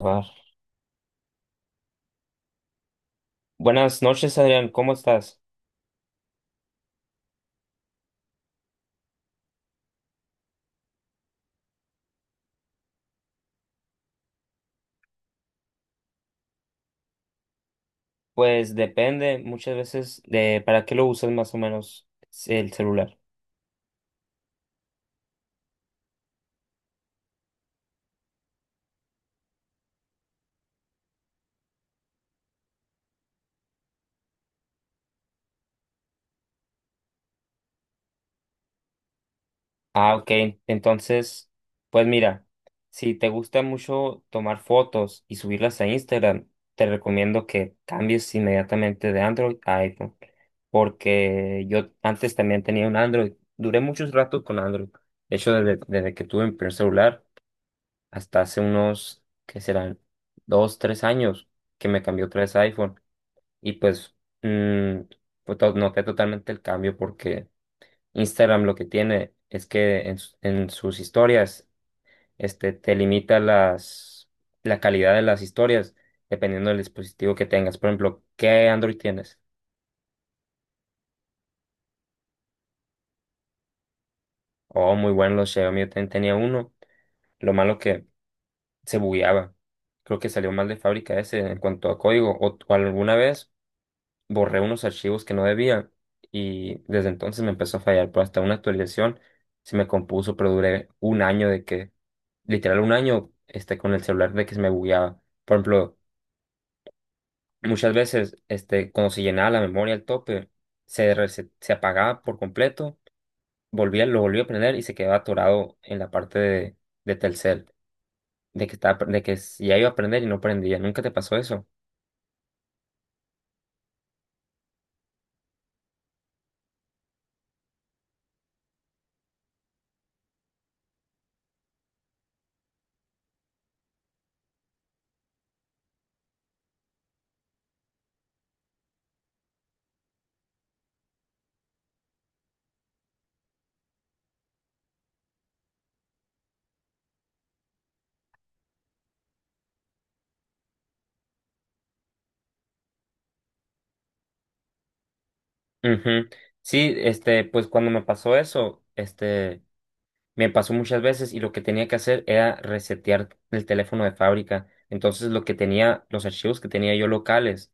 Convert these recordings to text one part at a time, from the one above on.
Ah, buenas noches, Adrián, ¿cómo estás? Pues depende muchas veces de para qué lo usas más o menos el celular. Ah, ok. Entonces, pues mira, si te gusta mucho tomar fotos y subirlas a Instagram, te recomiendo que cambies inmediatamente de Android a iPhone, porque yo antes también tenía un Android. Duré muchos ratos con Android. De hecho, desde que tuve mi primer celular hasta hace unos, ¿qué serán? Dos, tres años que me cambió otra vez a iPhone. Y pues, mm, Noté totalmente el cambio porque Instagram lo que tiene es que en sus historias te limita la calidad de las historias dependiendo del dispositivo que tengas. Por ejemplo, ¿qué Android tienes? Oh, muy bueno, los Xiaomi yo también tenía uno. Lo malo que se bugueaba. Creo que salió mal de fábrica ese en cuanto a código. O alguna vez borré unos archivos que no debía y desde entonces me empezó a fallar, pero hasta una actualización se me compuso, pero duré un año de que, literal un año, con el celular de que se me bugueaba. Por ejemplo, muchas veces, cuando se llenaba la memoria al tope, se apagaba por completo, volvía, lo volvía a prender y se quedaba atorado en la parte de Telcel, de que estaba, de que ya iba a prender y no prendía. ¿Nunca te pasó eso? Ujú. Sí, pues cuando me pasó eso, me pasó muchas veces y lo que tenía que hacer era resetear el teléfono de fábrica. Entonces lo que tenía, los archivos que tenía yo locales,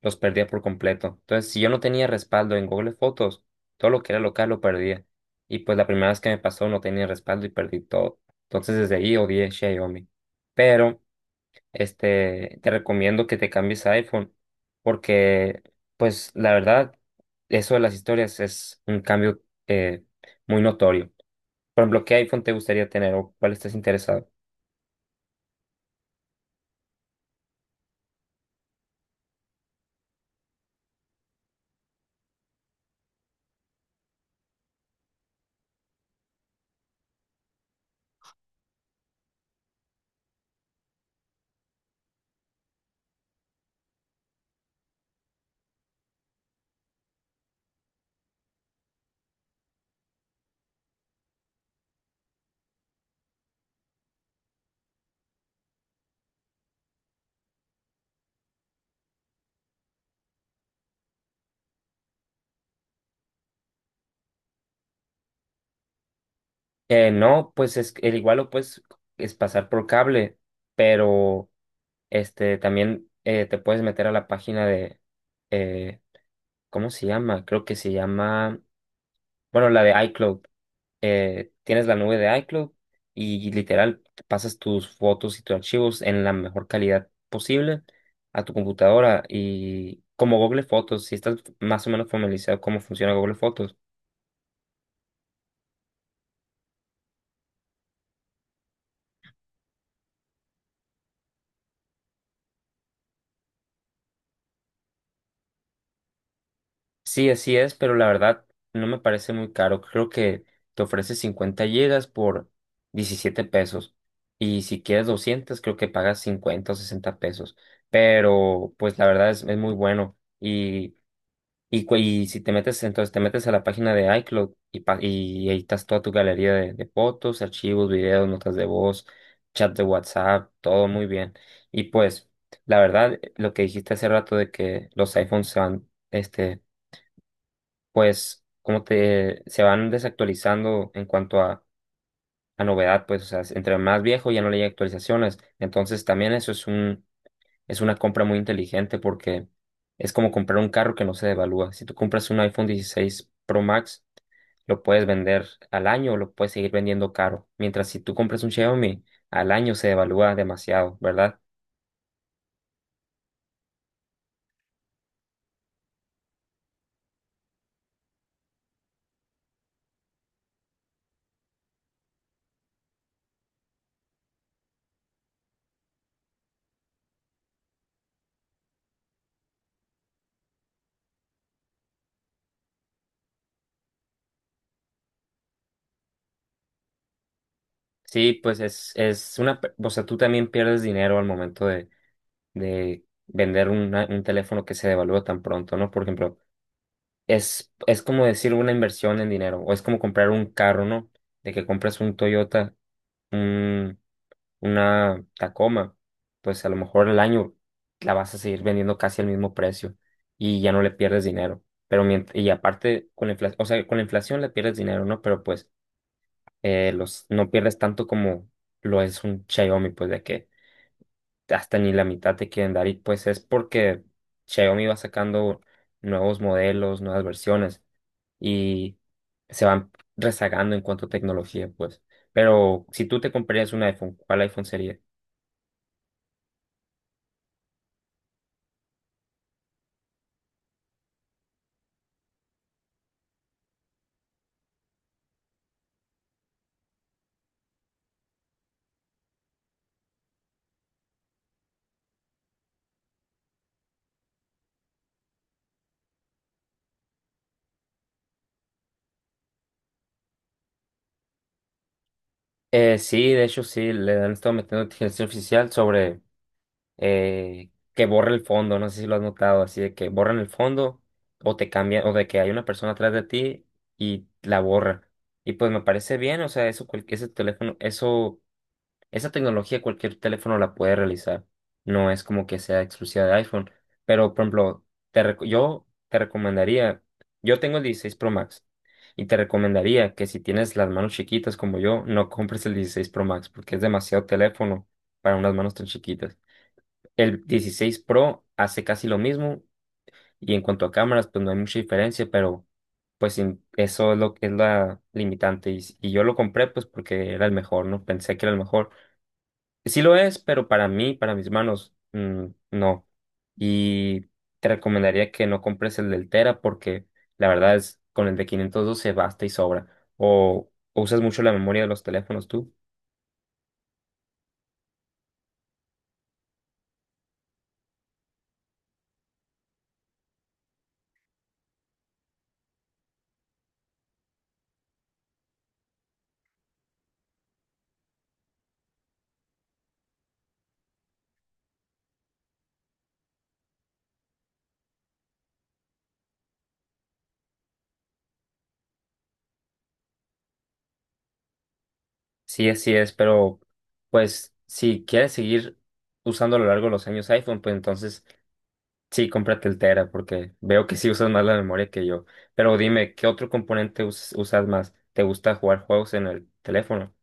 los perdía por completo. Entonces si yo no tenía respaldo en Google Fotos, todo lo que era local lo perdía. Y pues la primera vez que me pasó no tenía respaldo y perdí todo. Entonces desde ahí odié Xiaomi. Pero te recomiendo que te cambies a iPhone porque pues la verdad, eso de las historias es un cambio, muy notorio. Por ejemplo, ¿qué iPhone te gustaría tener o cuál estás interesado? No, pues es el igual o pues es pasar por cable, pero este también te puedes meter a la página de eh, ¿cómo se llama? Creo que se llama, bueno, la de iCloud. Tienes la nube de iCloud y literal pasas tus fotos y tus archivos en la mejor calidad posible a tu computadora y como Google Fotos, si estás más o menos familiarizado cómo funciona Google Fotos. Sí, así es, pero la verdad no me parece muy caro. Creo que te ofrece 50 gigas por 17 pesos. Y si quieres 200 creo que pagas 50 o 60 pesos. Pero pues la verdad es muy bueno. Y si te metes, entonces te metes a la página de iCloud y, y editas toda tu galería de, fotos, archivos, videos, notas de voz, chat de WhatsApp, todo muy bien. Y pues la verdad, lo que dijiste hace rato de que los iPhones se van, pues como te se van desactualizando en cuanto a novedad, pues o sea, entre más viejo ya no le hay actualizaciones. Entonces también eso es un, es una compra muy inteligente porque es como comprar un carro que no se devalúa. Si tú compras un iPhone 16 Pro Max, lo puedes vender al año o lo puedes seguir vendiendo caro. Mientras si tú compras un Xiaomi, al año se devalúa demasiado, ¿verdad? Sí, pues es una, o sea, tú también pierdes dinero al momento de, vender un teléfono que se devalúa tan pronto, ¿no? Por ejemplo, es como decir una inversión en dinero, o es como comprar un carro, ¿no? De que compras un Toyota, un, una Tacoma, pues a lo mejor el año la vas a seguir vendiendo casi al mismo precio y ya no le pierdes dinero. Pero mientras, y aparte, con la inflación, o sea, con la inflación le pierdes dinero, ¿no? Pero pues no pierdes tanto como lo es un Xiaomi, pues de que hasta ni la mitad te quieren dar y pues es porque Xiaomi va sacando nuevos modelos, nuevas versiones y se van rezagando en cuanto a tecnología, pues. Pero si tú te comprarías un iPhone, ¿cuál iPhone sería? Sí, de hecho sí, le han estado metiendo inteligencia artificial sobre, que borre el fondo, no sé si lo has notado, así de que borran el fondo o te cambian, o de que hay una persona atrás de ti y la borra. Y pues me parece bien, o sea, eso, ese teléfono, eso esa tecnología cualquier teléfono la puede realizar. No es como que sea exclusiva de iPhone. Pero, por ejemplo, yo te recomendaría. Yo tengo el 16 Pro Max y te recomendaría que si tienes las manos chiquitas como yo, no compres el 16 Pro Max porque es demasiado teléfono para unas manos tan chiquitas. El 16 Pro hace casi lo mismo y en cuanto a cámaras, pues no hay mucha diferencia, pero pues eso es lo que es la limitante. Y, y yo lo compré pues porque era el mejor, ¿no? Pensé que era el mejor. Sí lo es, pero para mí, para mis manos, no. Y te recomendaría que no compres el del Tera porque la verdad es con el de 512 basta y sobra. O usas mucho la memoria de los teléfonos tú. Sí, así es, pero pues si quieres seguir usando a lo largo de los años iPhone, pues entonces sí, cómprate el Tera porque veo que sí usas más la memoria que yo. Pero dime, ¿qué otro componente usas más? ¿Te gusta jugar juegos en el teléfono?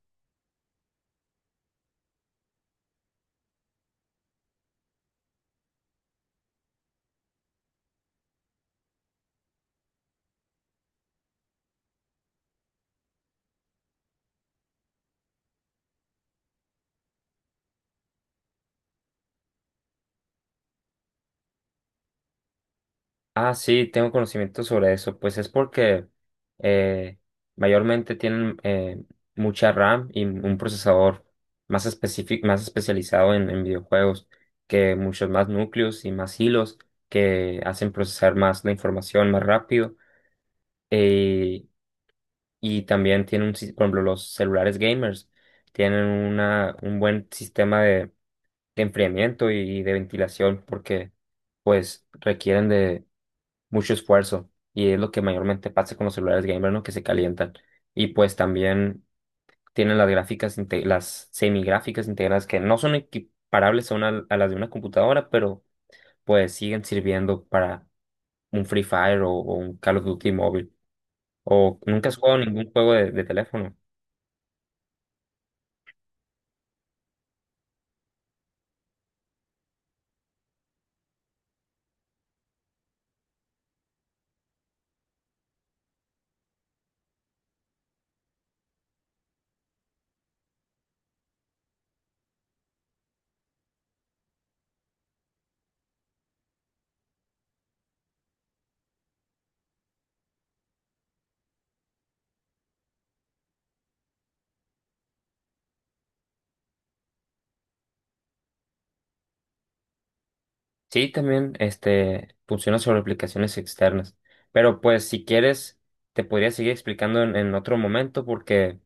Ah, sí, tengo conocimiento sobre eso. Pues es porque eh, mayormente tienen mucha RAM y un procesador más específico, más especializado en videojuegos, que muchos más núcleos y más hilos que hacen procesar más la información más rápido. Eh, y también tienen un, por ejemplo, los celulares gamers tienen una, un buen sistema de enfriamiento y de ventilación porque pues requieren mucho esfuerzo y es lo que mayormente pasa con los celulares gamer, ¿no? Que se calientan. Y pues también tienen las gráficas, las semigráficas integradas que no son equiparables a las de una computadora, pero pues siguen sirviendo para un Free Fire o un Call of Duty móvil. ¿O nunca has jugado ningún juego de teléfono? Sí, también funciona sobre aplicaciones externas. Pero pues si quieres, te podría seguir explicando en otro momento porque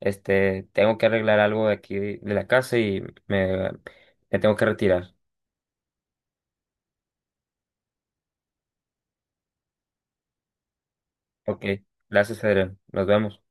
tengo que arreglar algo de aquí de la casa y me, me tengo que retirar. Ok, gracias, Adrián. Nos vemos.